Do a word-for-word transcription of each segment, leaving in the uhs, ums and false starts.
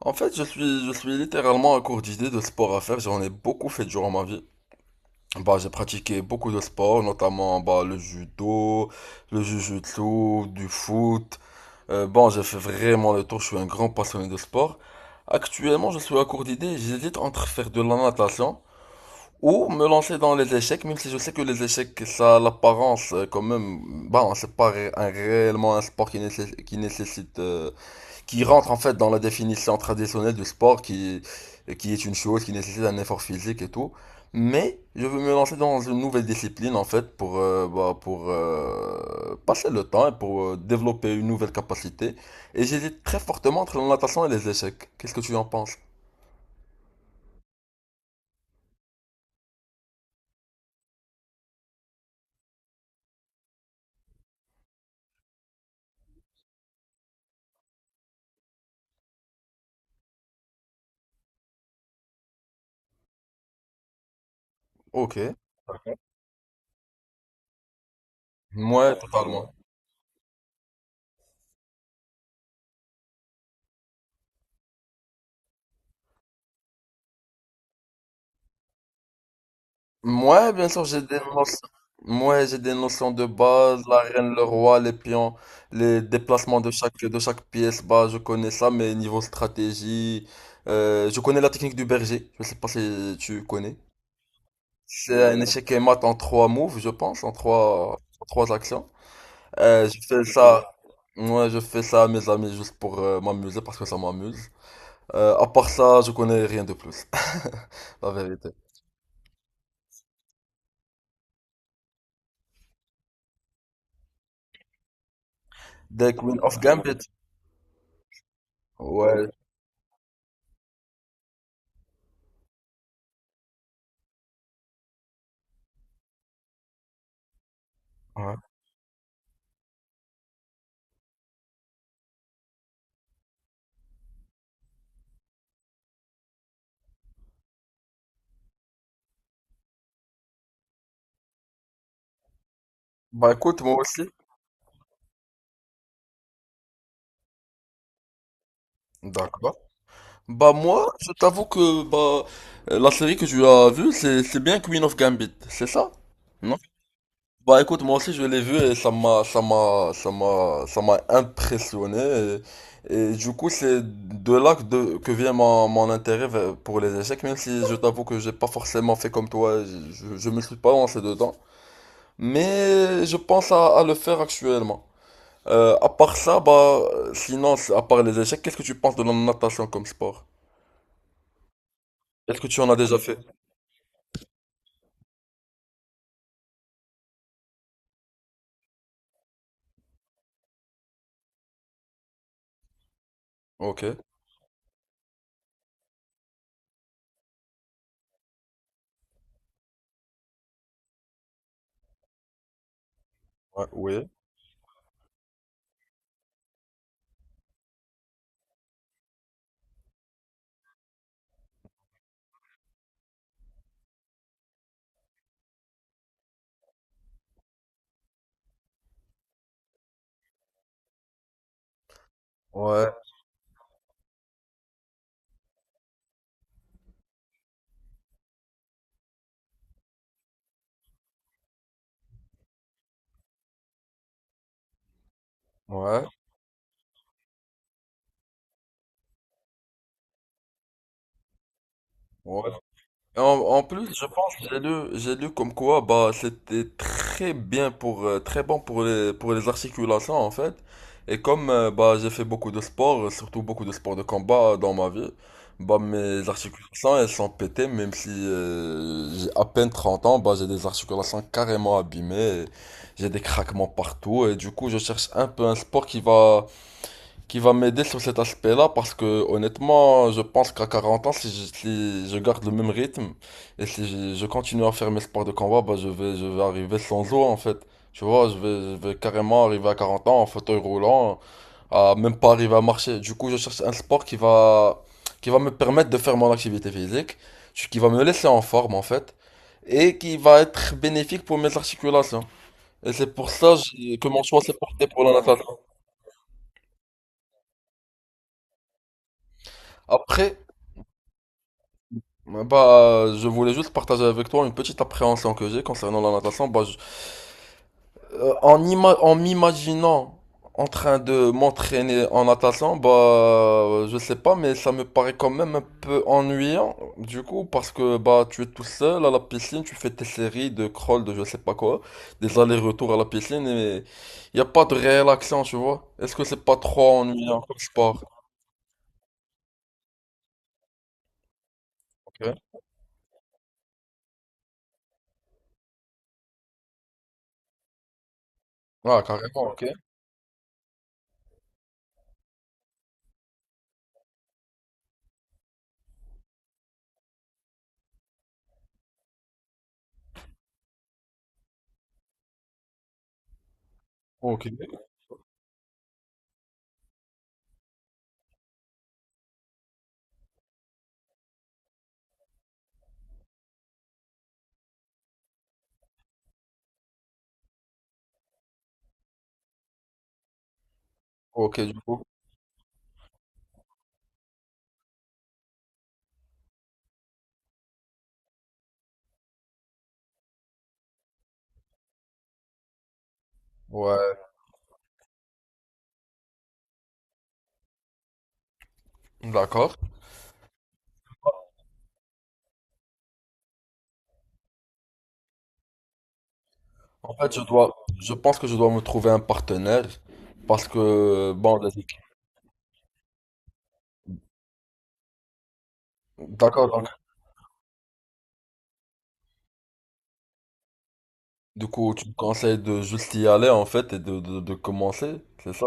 En fait, je suis, je suis littéralement à court d'idées de sport à faire. J'en ai beaucoup fait durant ma vie. Bah, j'ai pratiqué beaucoup de sports, notamment bah, le judo, le jujutsu, du foot. Euh, bon, j'ai fait vraiment le tour. Je suis un grand passionné de sport. Actuellement, je suis à court d'idées. J'hésite entre faire de la natation ou me lancer dans les échecs, même si je sais que les échecs, ça a l'apparence euh, quand même. Bah, c'est pas ré- un- réellement un sport qui nécessite, qui nécessite euh, qui rentre en fait dans la définition traditionnelle du sport, qui, qui est une chose qui nécessite un effort physique et tout. Mais je veux me lancer dans une nouvelle discipline en fait pour, euh, bah, pour euh, passer le temps et pour euh, développer une nouvelle capacité. Et j'hésite très fortement entre la natation et les échecs. Qu'est-ce que tu en penses? Ok. Ouais, totalement. Moi, bien sûr, j'ai des notions. Moi, j'ai des notions de base, la reine, le roi, les pions, les déplacements de chaque de chaque pièce. Bah, je connais ça, mais niveau stratégie, euh, je connais la technique du berger. Je sais pas si tu connais. C'est un échec et mat en trois moves, je pense, en trois en trois actions. Euh, je fais ça. Moi, je fais ça à mes amis juste pour euh, m'amuser parce que ça m'amuse. Euh, à part ça, je connais rien de plus, la vérité. Des Queen of Gambit. Ouais, Bah écoute, moi aussi. D'accord. Bah moi, je t'avoue que bah euh, la série que tu as vue, c'est c'est bien Queen of Gambit, c'est ça? Non? Bah écoute, moi aussi je l'ai vue et ça m'a ça m'a ça m'a ça m'a impressionné et, et du coup c'est de là que, de- que vient mon, mon intérêt vers- pour les échecs, même si je t'avoue que j'ai pas forcément fait comme toi, je, je, je me suis pas lancé dedans, mais je pense à à le faire actuellement. Euh, à part ça, bah, sinon, c'est- à part les échecs, qu'est-ce que tu penses de la natation comme sport? Est-ce que tu en as déjà fait? Ok. Ouais, oui. Ouais. Ouais. Ouais. En, en plus, je pense, que j'ai lu, j'ai lu comme quoi, bah, c'était très bien pour, euh, très bon pour les, pour les articulations, en fait. Et comme, euh, bah, j'ai fait beaucoup de sport, euh, surtout beaucoup de sport de combat euh, dans ma vie, bah, mes articulations, elles sont pétées, même si, euh, j'ai à peine trente ans, bah, j'ai des articulations carrément abîmées, et j'ai des craquements partout, et du coup, je cherche un peu un sport qui va, qui va m'aider sur cet aspect-là parce que honnêtement, je pense qu'à 40 ans, si je, si je garde le même rythme et si je, je continue à faire mes sports de combat, bah, je vais, je vais arriver sans os en fait. Tu vois, je vais, je vais carrément arriver à 40 ans en fauteuil roulant, à même pas arriver à marcher. Du coup, je cherche un sport qui va, qui va me permettre de faire mon activité physique, qui va me laisser en forme en fait, et qui va être bénéfique pour mes articulations. Et c'est pour ça j'ai- que mon choix s'est porté pour la natation. Après, Ouais, Bah, euh, je voulais juste partager avec toi une petite appréhension que j'ai concernant la natation. Bah, je- euh, en ima- en m'imaginant en train de m'entraîner en natation, bah, euh, je sais pas, mais ça me paraît quand même un peu ennuyant, du coup, parce que bah, tu es tout seul à la piscine, tu fais tes séries de crawl, de je sais pas quoi, des allers-retours à la piscine, et il a pas de réelle action, tu vois. Est-ce que c'est pas trop ennuyant comme sport? Ok. Ah, carrément, ok. Ok. Ok, du coup. Ouais, d'accord. En fait, je dois, je pense que je dois me trouver un partenaire parce que, bon, les équipes- D'accord, donc, du coup, tu me conseilles de juste y aller en fait et de, de, de commencer, c'est ça?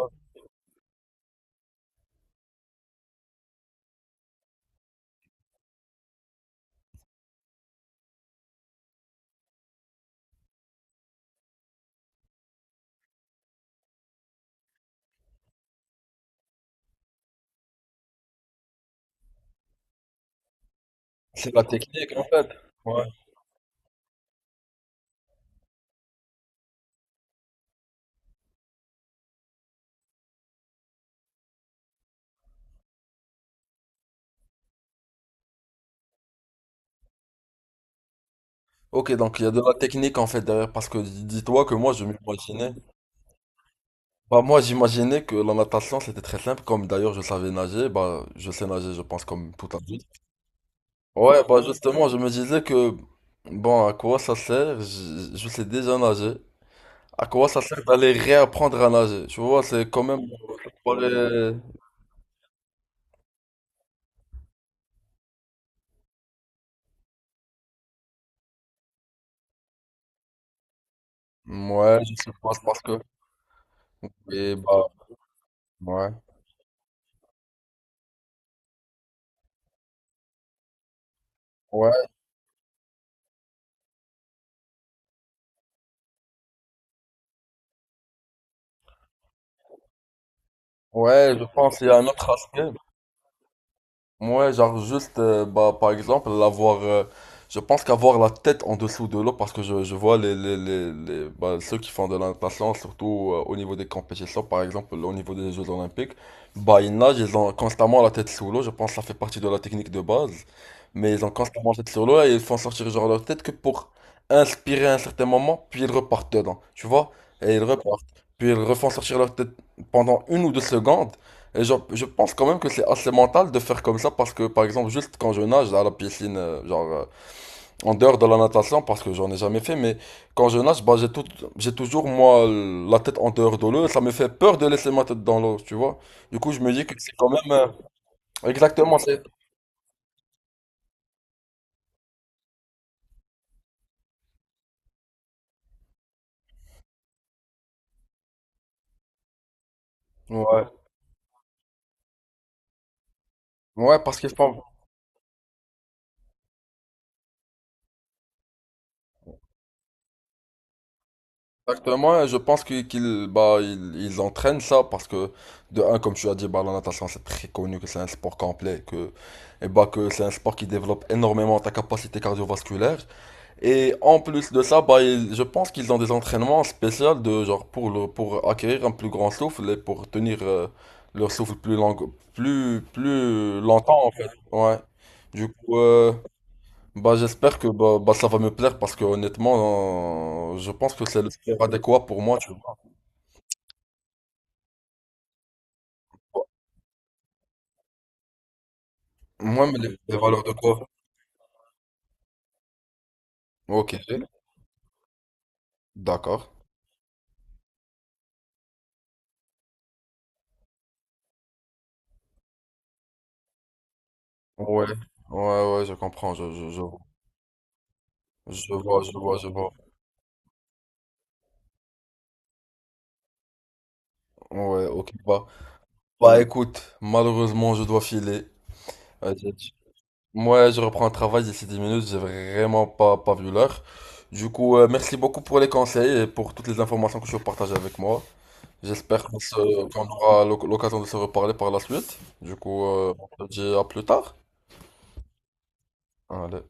C'est la technique en fait. Ouais. Ok, donc il y a de la technique en fait derrière parce que dis- dis-toi que moi je m'imaginais. Bah, moi j'imaginais que la natation c'était très simple, comme d'ailleurs je savais nager, bah, je sais nager, je pense, comme tout adulte. Ouais, bah justement, je me disais que, bon, à quoi ça sert? Je, je sais déjà nager. À quoi ça sert d'aller réapprendre à nager? Tu vois, c'est quand même pour les- Ouais, je sais pas, c'est parce que... Et bah, ouais. Ouais, ouais, je pense qu'il y a un autre aspect. Ouais, genre juste, euh, bah, par exemple, l'avoir, euh, je pense qu'avoir la tête en dessous de l'eau, parce que je, je vois les, les, les, les- bah, ceux qui font de la natation, surtout euh, au niveau des compétitions, par exemple, au niveau des Jeux Olympiques, bah, ils nagent, ils ont constamment la tête sous l'eau, je pense que ça fait partie de la technique de base, mais ils ont constamment la tête sous l'eau et ils font sortir genre leur tête que pour inspirer à un certain moment, puis ils repartent dedans, tu vois, et ils repartent, puis ils refont sortir leur tête pendant une ou deux secondes, et genre, je pense quand même que c'est assez mental de faire comme ça parce que, par exemple, juste quand je nage à la piscine, euh, genre, euh, en dehors de la natation, parce que j'en ai jamais fait, mais quand je nage, bah, j'ai tout, j'ai toujours, moi, la tête en dehors de l'eau, ça me fait peur de laisser ma tête dans l'eau, tu vois. Du coup, je me dis que c'est quand même, euh, exactement, c'est, ouais. Ouais, parce que Exactement, et je pense qu'ils qu'ils- bah, ils, ils entraînent ça parce que, de un, comme tu as dit, bah, la natation c'est très connu que c'est un sport complet, que, et bah, que c'est un sport qui développe énormément ta capacité cardiovasculaire. Et en plus de ça, bah, ils- je pense qu'ils ont des entraînements spéciaux de, genre, pour, le, pour acquérir un plus grand souffle et pour tenir euh, leur souffle plus long, plus, plus longtemps en fait. Ouais. Du coup, euh, bah, j'espère que bah, bah, ça va me plaire parce que honnêtement, euh, je pense que c'est le sport adéquat pour moi, tu vois. Moi, mais les, les valeurs de quoi? Ok, d'accord. Ouais, ouais, ouais, je comprends, je, je, je, je vois, je vois, je vois. Ouais, ok, bah. Bah, écoute, malheureusement, je dois filer. Euh, j'ai- Moi, je reprends le travail d'ici dix minutes, j'ai vraiment pas, pas vu l'heure. Du coup, euh, merci beaucoup pour les conseils et pour toutes les informations que tu as partagées avec moi. J'espère qu'on se- qu'on aura l'oc- l'occasion de se reparler par la suite. Du coup, euh, on se dit à plus tard. Allez.